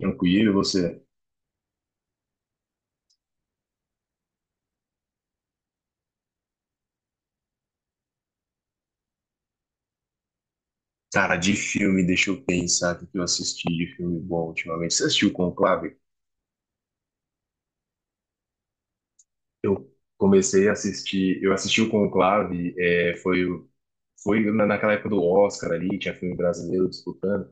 Tranquilo, você? Cara, de filme, deixa eu pensar o que eu assisti de filme bom ultimamente. Você assistiu Conclave? Eu eu assisti o Conclave, é, foi, o- foi na- naquela época do Oscar ali, tinha filme brasileiro disputando,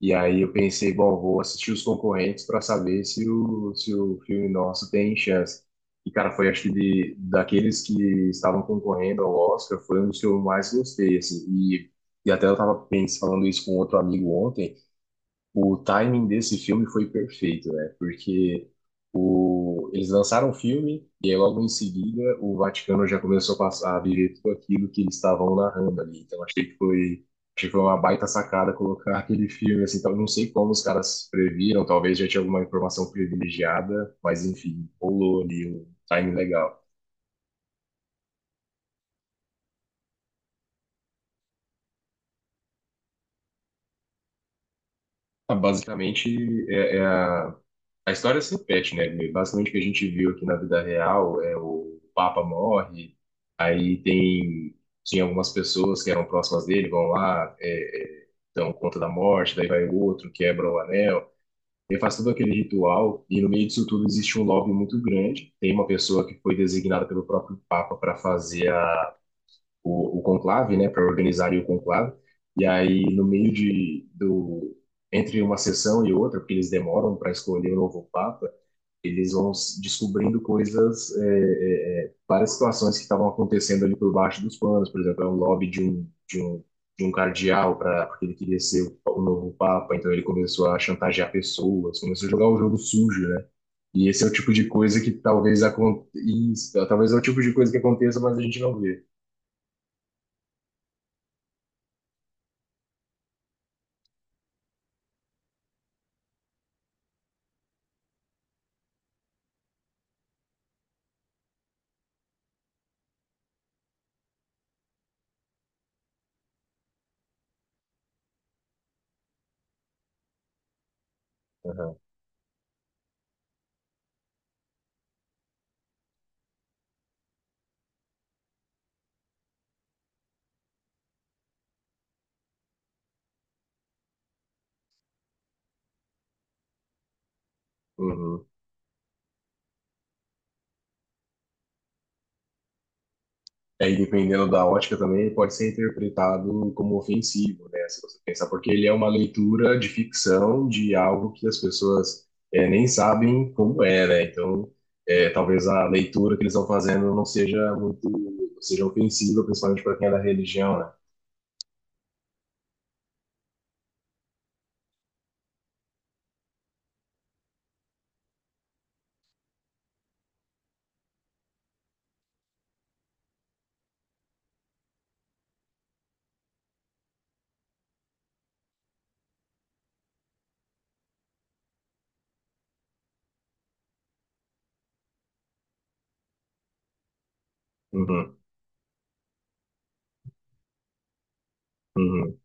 e aí eu pensei, bom, vou assistir os concorrentes para saber se o, se o filme nosso tem chance. E, cara, foi acho que daqueles que estavam concorrendo ao Oscar, foi um dos que eu mais gostei, assim, e até eu tava pensando, falando isso com outro amigo ontem. O timing desse filme foi perfeito, né? Porque eles lançaram o filme e aí logo em seguida o Vaticano já começou a passar a viver tudo aquilo que eles estavam narrando ali. Então achei que foi uma baita sacada colocar aquele filme assim. Então, não sei como os caras previram, talvez já tinha alguma informação privilegiada, mas enfim, rolou ali um timing legal. Ah, basicamente, é, é a a história se repete, né? Basicamente o que a gente viu aqui na vida real é o Papa morre, aí tem tinha algumas pessoas que eram próximas dele, vão lá, dão conta da morte, daí vai o outro, quebra o anel, ele faz todo aquele ritual e no meio disso tudo existe um lobby muito grande. Tem uma pessoa que foi designada pelo próprio Papa para fazer o conclave, né, para organizar o conclave. E aí, no meio entre uma sessão e outra, porque eles demoram para escolher o novo papa, eles vão descobrindo coisas, várias situações que estavam acontecendo ali por baixo dos panos. Por exemplo, é um lobby de um cardeal, porque ele queria ser o novo papa, então ele começou a chantagear pessoas, começou a jogar o jogo sujo, né? E esse é o tipo de coisa que talvez aconteça, talvez é o tipo de coisa que aconteça, mas a gente não vê. Aham. Uhum. É. E aí, dependendo da ótica também, ele pode ser interpretado como ofensivo, né? Se você pensar, porque ele é uma leitura de ficção de algo que as pessoas nem sabem como é, né? Então, talvez a leitura que eles estão fazendo não seja muito, seja ofensiva, principalmente para quem é da religião, né? Uhum, uhum.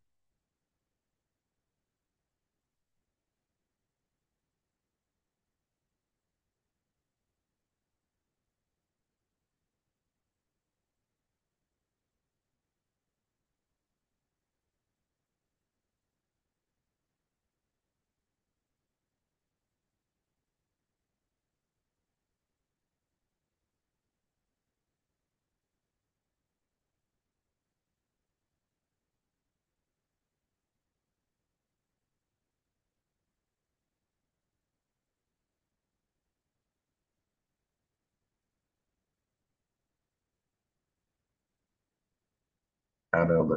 Caramba.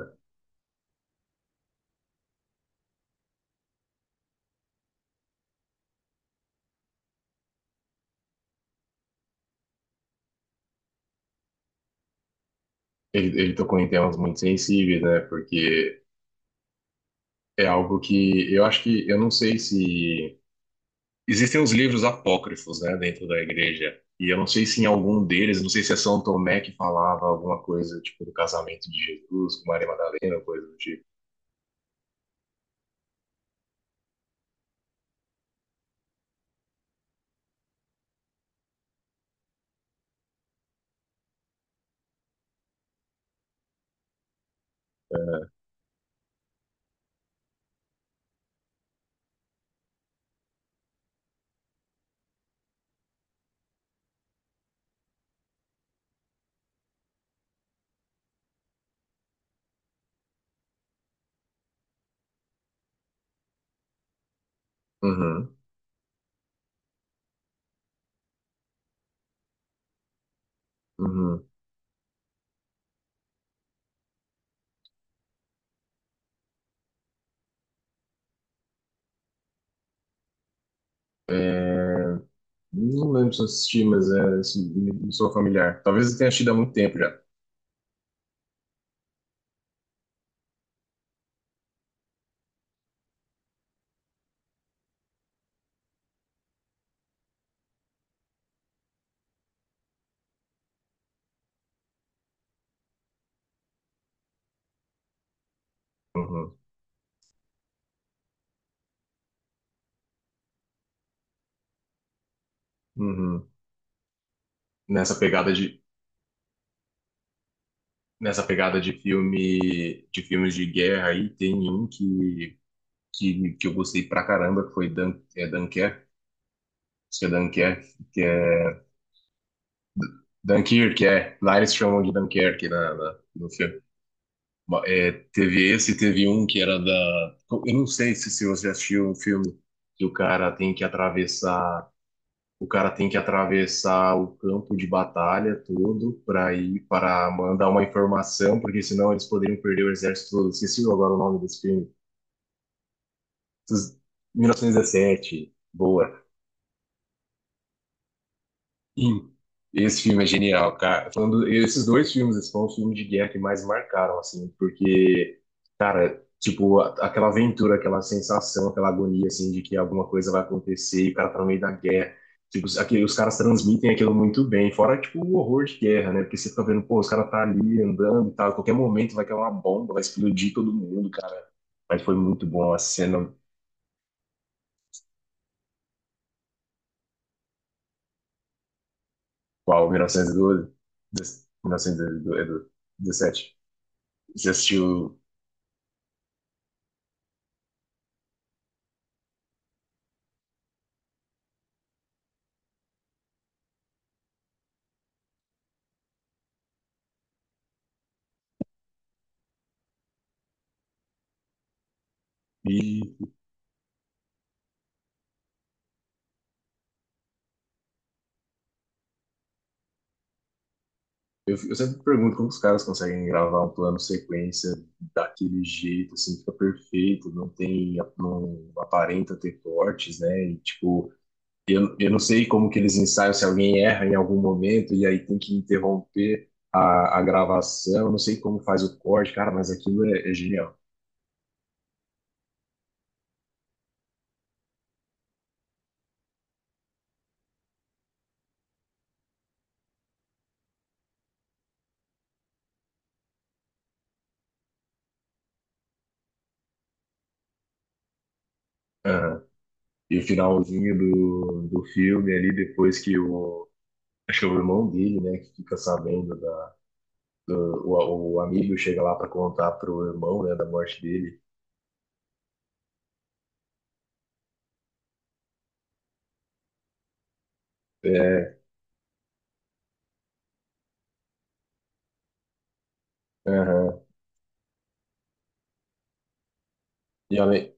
Ele tocou em temas muito sensíveis, né? Porque é algo que eu não sei se existem os livros apócrifos, né, dentro da igreja. E eu não sei se em algum deles, não sei se é São Tomé que falava alguma coisa, tipo, do casamento de Jesus com Maria Madalena, coisa do tipo. Uhum, uhum. É. Não lembro se eu assisti, mas isso me sou familiar. Talvez eu tenha assistido há muito tempo já. Uhum, uhum. Nessa pegada de, nessa pegada de filmes de guerra aí, tem um que eu gostei pra caramba, que foi Dan, é Dunkerque, acho que é Dunkerque, que é Dunkirk, é. Lars chamam de Dunkirk no filme. É, teve esse, teve um que era da. Eu não sei se você assistiu um filme que o cara tem que atravessar. O cara tem que atravessar o campo de batalha todo para mandar uma informação, porque senão eles poderiam perder o exército todo. Esqueci agora o nome desse filme. Esses- 1917. Boa. Sim. Esse filme é genial, cara. Falando, esses dois filmes, esses foram os filmes de guerra que mais marcaram, assim, porque, cara, tipo, aquela aventura, aquela sensação, aquela agonia, assim, de que alguma coisa vai acontecer e o cara tá no meio da guerra. Tipo, os caras transmitem aquilo muito bem, fora, tipo, o horror de guerra, né? Porque você fica vendo, pô, os caras tá ali andando e tal, qualquer momento vai cair uma bomba, vai explodir todo mundo, cara. Mas foi muito bom a cena. Qual, 1912? Dezessete. Você assistiu. E eu sempre pergunto como os caras conseguem gravar um plano sequência daquele jeito, assim, fica perfeito, não tem, não aparenta ter cortes, né? E, tipo, eu não sei como que eles ensaiam, se alguém erra em algum momento e aí tem que interromper a gravação, não sei como faz o corte, cara, mas aquilo é, genial. Aham. E o finalzinho do filme ali, depois que acho que é o irmão dele, né, que fica sabendo. O o amigo chega lá pra contar pro irmão, né, da morte dele. É. Aham. E além,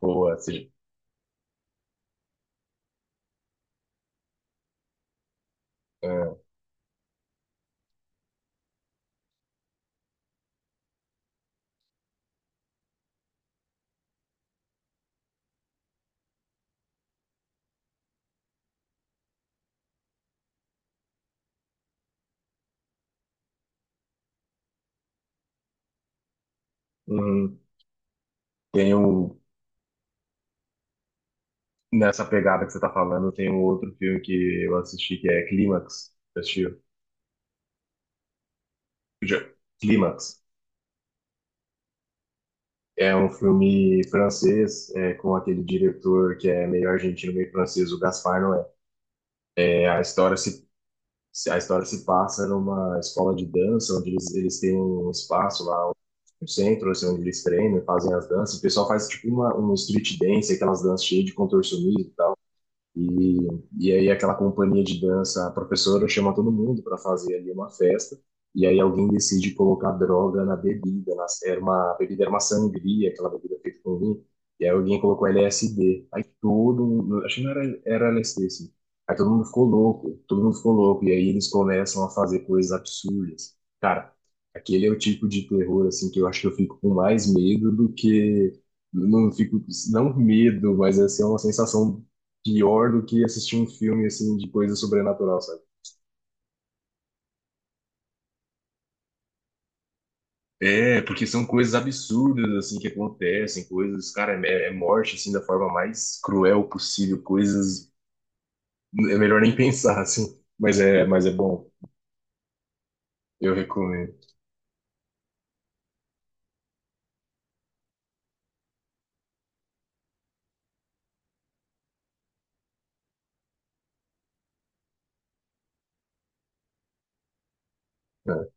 boa, assim, é, uhum. Tem um, nessa pegada que você tá falando, tem um outro filme que eu assisti que é Clímax. Você assistiu? Já- Clímax. É um filme francês, com aquele diretor que é meio argentino, meio francês, o Gaspar Noé. É, É, a história se A história se passa numa escola de dança, onde eles têm um espaço lá, um centro, assim, onde eles treinam, e fazem as danças. O pessoal faz tipo um street dance, aquelas danças cheias de contorcionismo. E, e aí aquela companhia de dança, a professora chama todo mundo para fazer ali uma festa, e aí alguém decide colocar droga na bebida, na, era uma a bebida era uma sangria, aquela bebida feita com vinho, e aí alguém colocou LSD. Aí todo mundo, acho que não era, era LSD, assim. Aí todo mundo ficou louco, todo mundo ficou louco, e aí eles começam a fazer coisas absurdas. Cara, aquele é o tipo de terror, assim, que eu acho que eu fico com mais medo do que não fico, não medo, mas assim, é uma sensação pior do que assistir um filme assim de coisa sobrenatural, sabe? É, porque são coisas absurdas, assim, que acontecem, coisas, cara, é morte, assim, da forma mais cruel possível, coisas, é melhor nem pensar, assim, mas é bom, eu recomendo. É.